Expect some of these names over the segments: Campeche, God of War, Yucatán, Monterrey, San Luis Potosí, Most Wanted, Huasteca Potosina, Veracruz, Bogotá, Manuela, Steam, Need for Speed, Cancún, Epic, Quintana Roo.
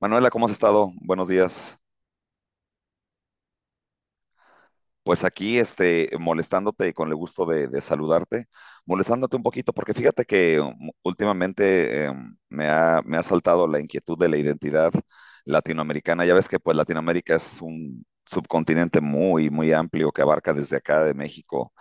Manuela, ¿cómo has estado? Buenos días. Pues aquí, molestándote con el gusto de saludarte, molestándote un poquito, porque fíjate que últimamente me ha saltado la inquietud de la identidad latinoamericana. Ya ves que pues Latinoamérica es un subcontinente muy, muy amplio que abarca desde acá de México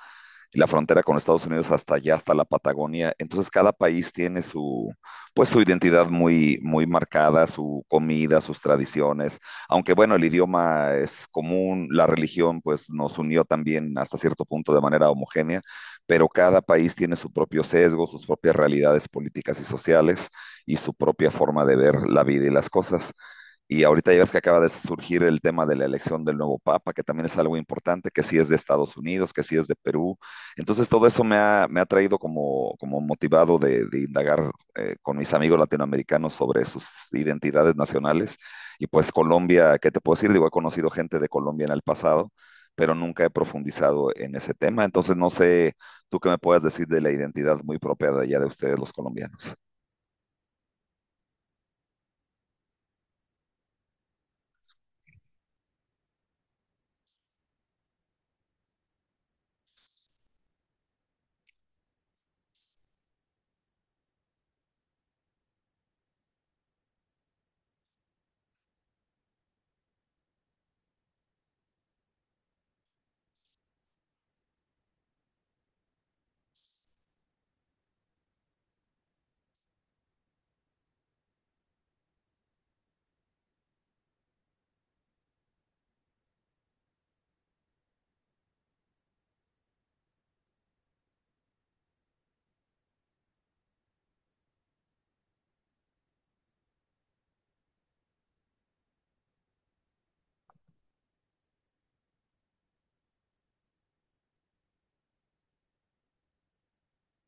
y la frontera con Estados Unidos hasta allá, hasta la Patagonia. Entonces cada país tiene su, pues su identidad muy, muy marcada, su comida, sus tradiciones, aunque bueno, el idioma es común, la religión pues nos unió también hasta cierto punto de manera homogénea, pero cada país tiene su propio sesgo, sus propias realidades políticas y sociales y su propia forma de ver la vida y las cosas. Y ahorita ya ves que acaba de surgir el tema de la elección del nuevo Papa, que también es algo importante, que sí es de Estados Unidos, que sí es de Perú. Entonces todo eso me ha traído como motivado de indagar con mis amigos latinoamericanos sobre sus identidades nacionales. Y pues Colombia, ¿qué te puedo decir? Digo, he conocido gente de Colombia en el pasado, pero nunca he profundizado en ese tema. Entonces no sé tú qué me puedas decir de la identidad muy propia de allá de ustedes los colombianos.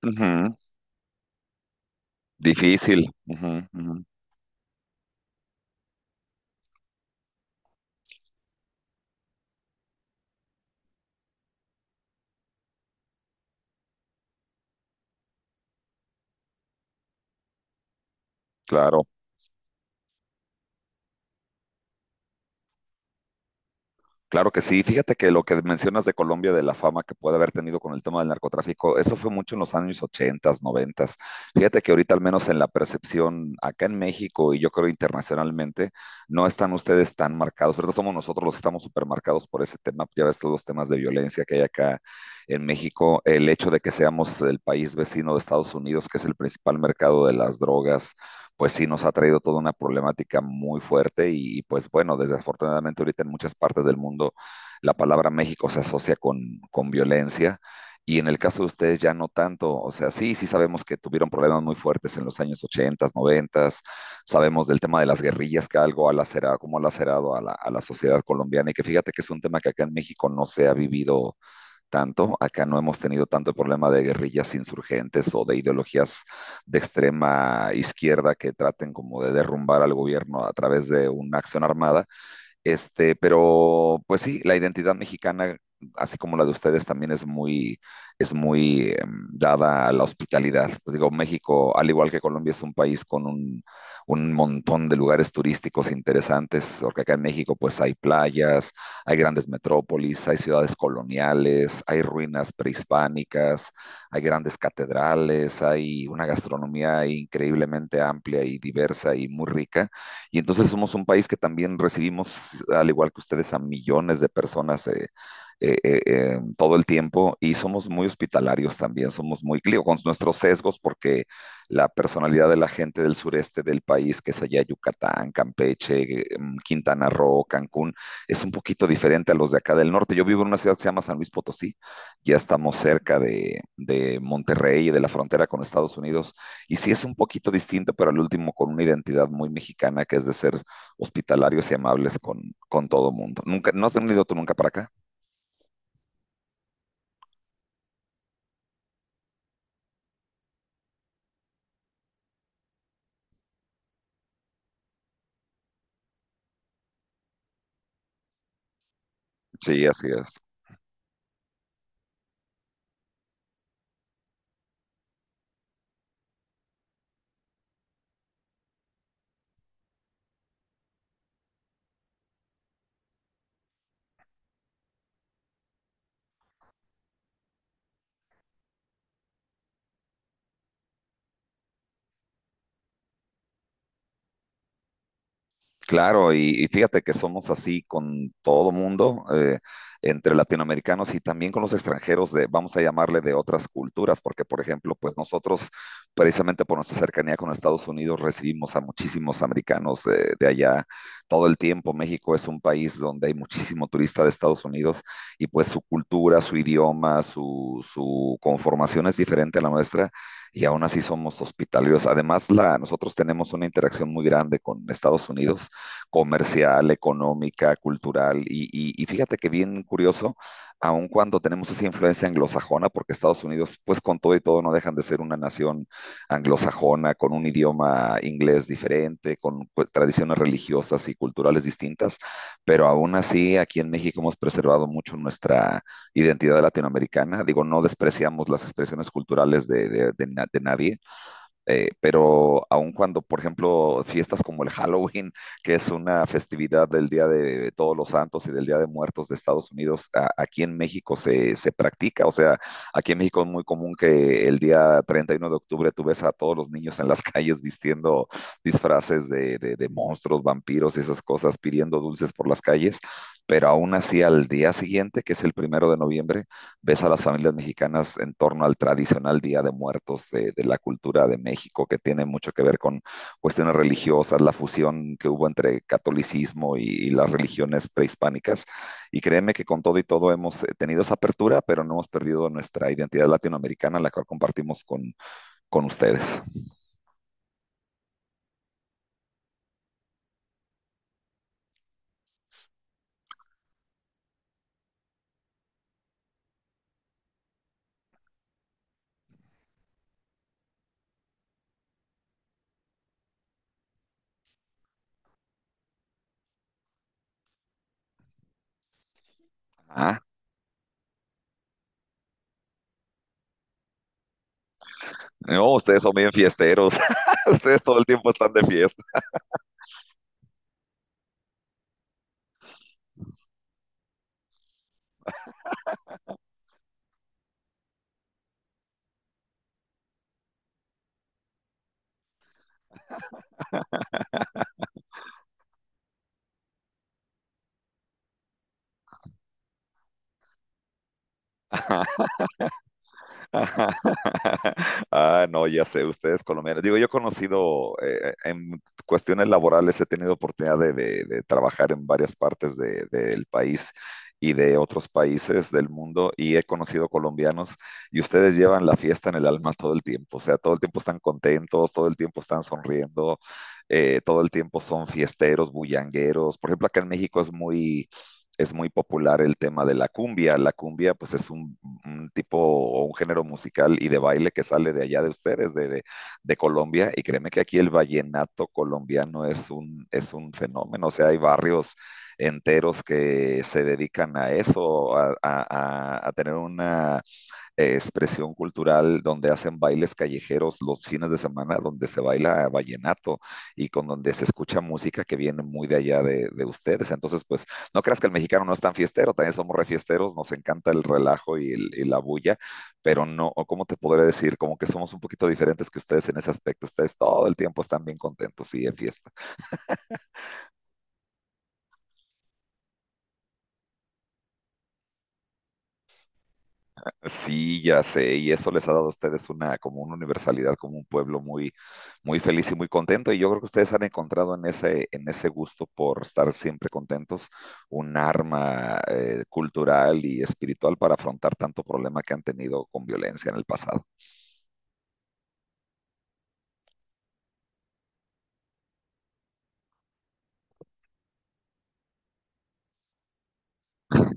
Ujú. Difícil. Ujú, ujú. Claro. Claro que sí. Fíjate que lo que mencionas de Colombia, de la fama que puede haber tenido con el tema del narcotráfico, eso fue mucho en los años 80, 90. Fíjate que ahorita, al menos en la percepción acá en México y yo creo internacionalmente, no están ustedes tan marcados. Ahorita somos nosotros los que estamos supermarcados por ese tema. Ya ves todos los temas de violencia que hay acá en México. El hecho de que seamos el país vecino de Estados Unidos, que es el principal mercado de las drogas, pues sí nos ha traído toda una problemática muy fuerte y, pues bueno, desafortunadamente ahorita en muchas partes del mundo la palabra México se asocia con, violencia. Y en el caso de ustedes ya no tanto, o sea, sí, sí sabemos que tuvieron problemas muy fuertes en los años 80, 90, sabemos del tema de las guerrillas, que algo ha lacerado, como ha lacerado a la sociedad colombiana, y que fíjate que es un tema que acá en México no se ha vivido tanto. Acá no hemos tenido tanto problema de guerrillas insurgentes o de ideologías de extrema izquierda que traten como de derrumbar al gobierno a través de una acción armada, pero pues sí, la identidad mexicana, así como la de ustedes, también es muy dada a la hospitalidad. Pues digo, México, al igual que Colombia, es un país con un montón de lugares turísticos interesantes, porque acá en México pues hay playas, hay grandes metrópolis, hay ciudades coloniales, hay ruinas prehispánicas, hay grandes catedrales, hay una gastronomía increíblemente amplia y diversa y muy rica. Y entonces somos un país que también recibimos, al igual que ustedes, a millones de personas todo el tiempo, y somos muy hospitalarios también, somos muy, digo, con nuestros sesgos, porque la personalidad de la gente del sureste del país, que es allá Yucatán, Campeche, Quintana Roo, Cancún, es un poquito diferente a los de acá del norte. Yo vivo en una ciudad que se llama San Luis Potosí, ya estamos cerca de, Monterrey y de la frontera con Estados Unidos, y sí es un poquito distinto, pero al último con una identidad muy mexicana, que es de ser hospitalarios y amables con, todo mundo. Nunca, ¿No has venido tú nunca para acá? Sí, así es. Claro, y fíjate que somos así con todo mundo, entre latinoamericanos y también con los extranjeros de, vamos a llamarle, de otras culturas, porque por ejemplo, pues nosotros, precisamente por nuestra cercanía con Estados Unidos, recibimos a muchísimos americanos de allá todo el tiempo. México es un país donde hay muchísimo turista de Estados Unidos, y pues su cultura, su idioma, su conformación es diferente a la nuestra, y aún así somos hospitalarios. Además, nosotros tenemos una interacción muy grande con Estados Unidos: comercial, económica, cultural. Y fíjate que bien curioso, aun cuando tenemos esa influencia anglosajona, porque Estados Unidos, pues con todo y todo, no dejan de ser una nación anglosajona, con un idioma inglés diferente, con, pues, tradiciones religiosas y culturales distintas, pero aún así aquí en México hemos preservado mucho nuestra identidad latinoamericana. Digo, no despreciamos las expresiones culturales de nadie, pero aun cuando, por ejemplo, fiestas como el Halloween, que es una festividad del Día de Todos los Santos y del Día de Muertos de Estados Unidos, aquí en México se, practica. O sea, aquí en México es muy común que el día 31 de octubre tú ves a todos los niños en las calles vistiendo disfraces de monstruos, vampiros y esas cosas, pidiendo dulces por las calles. Pero aún así, al día siguiente, que es el 1 de noviembre, ves a las familias mexicanas en torno al tradicional Día de Muertos, la cultura de México, que tiene mucho que ver con cuestiones religiosas, la fusión que hubo entre catolicismo las religiones prehispánicas. Y créeme que con todo y todo hemos tenido esa apertura, pero no hemos perdido nuestra identidad latinoamericana, la cual compartimos con ustedes. ¿Ah? No, ustedes son bien fiesteros. Ustedes todo el tiempo están de fiesta. Ah, no, ya sé, ustedes colombianos. Digo, yo he conocido en cuestiones laborales, he tenido oportunidad de trabajar en varias partes del país y de otros países del mundo, y he conocido colombianos y ustedes llevan la fiesta en el alma todo el tiempo. O sea, todo el tiempo están contentos, todo el tiempo están sonriendo, todo el tiempo son fiesteros, bullangueros. Por ejemplo, acá en México es muy popular el tema de la cumbia. La cumbia, pues, es un tipo o un género musical y de baile que sale de allá de ustedes, de, de, Colombia. Y créeme que aquí el vallenato colombiano es un fenómeno. O sea, hay barrios enteros que se dedican a eso, a tener una expresión cultural donde hacen bailes callejeros los fines de semana, donde se baila vallenato y con donde se escucha música que viene muy de allá de ustedes. Entonces, pues no creas que el mexicano no es tan fiestero, también somos refiesteros, nos encanta el relajo y la bulla, pero no, o ¿cómo te podré decir? Como que somos un poquito diferentes que ustedes en ese aspecto. Ustedes todo el tiempo están bien contentos y en fiesta. Sí, ya sé, y eso les ha dado a ustedes una, como una universalidad, como un pueblo muy, muy feliz y muy contento, y yo creo que ustedes han encontrado en ese, en ese gusto por estar siempre contentos un arma cultural y espiritual para afrontar tanto problema que han tenido con violencia en el pasado. Ah.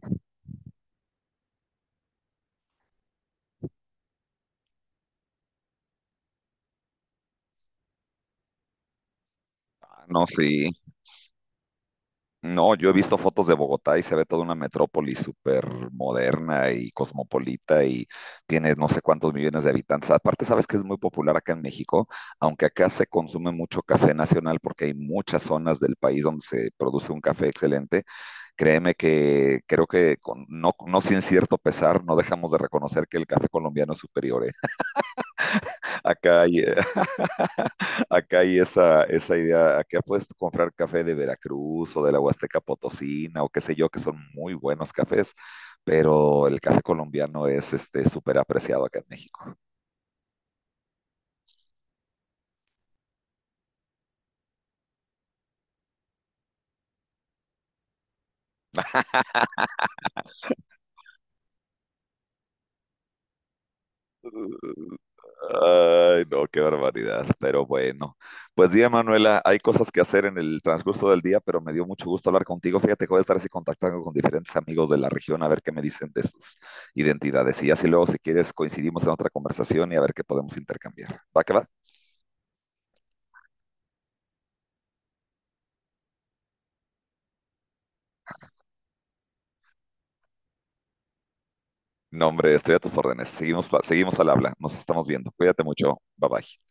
No, sí. No, yo he visto fotos de Bogotá y se ve toda una metrópoli súper moderna y cosmopolita, y tiene no sé cuántos millones de habitantes. Aparte, sabes que es muy popular acá en México, aunque acá se consume mucho café nacional porque hay muchas zonas del país donde se produce un café excelente. Créeme que creo que no sin cierto pesar no dejamos de reconocer que el café colombiano es superior, ¿eh? Acá hay, eh, Acá hay esa, idea. Acá puedes comprar café de Veracruz o de la Huasteca Potosina o qué sé yo, que son muy buenos cafés, pero el café colombiano es súper apreciado acá en México. Ay, no, qué barbaridad, pero bueno. Pues día, Manuela, hay cosas que hacer en el transcurso del día, pero me dio mucho gusto hablar contigo. Fíjate que voy a estar así contactando con diferentes amigos de la región a ver qué me dicen de sus identidades, y así luego, si quieres, coincidimos en otra conversación y a ver qué podemos intercambiar. ¿Va que va? No, hombre, estoy a tus órdenes. Seguimos, seguimos al habla. Nos estamos viendo. Cuídate mucho. Bye bye.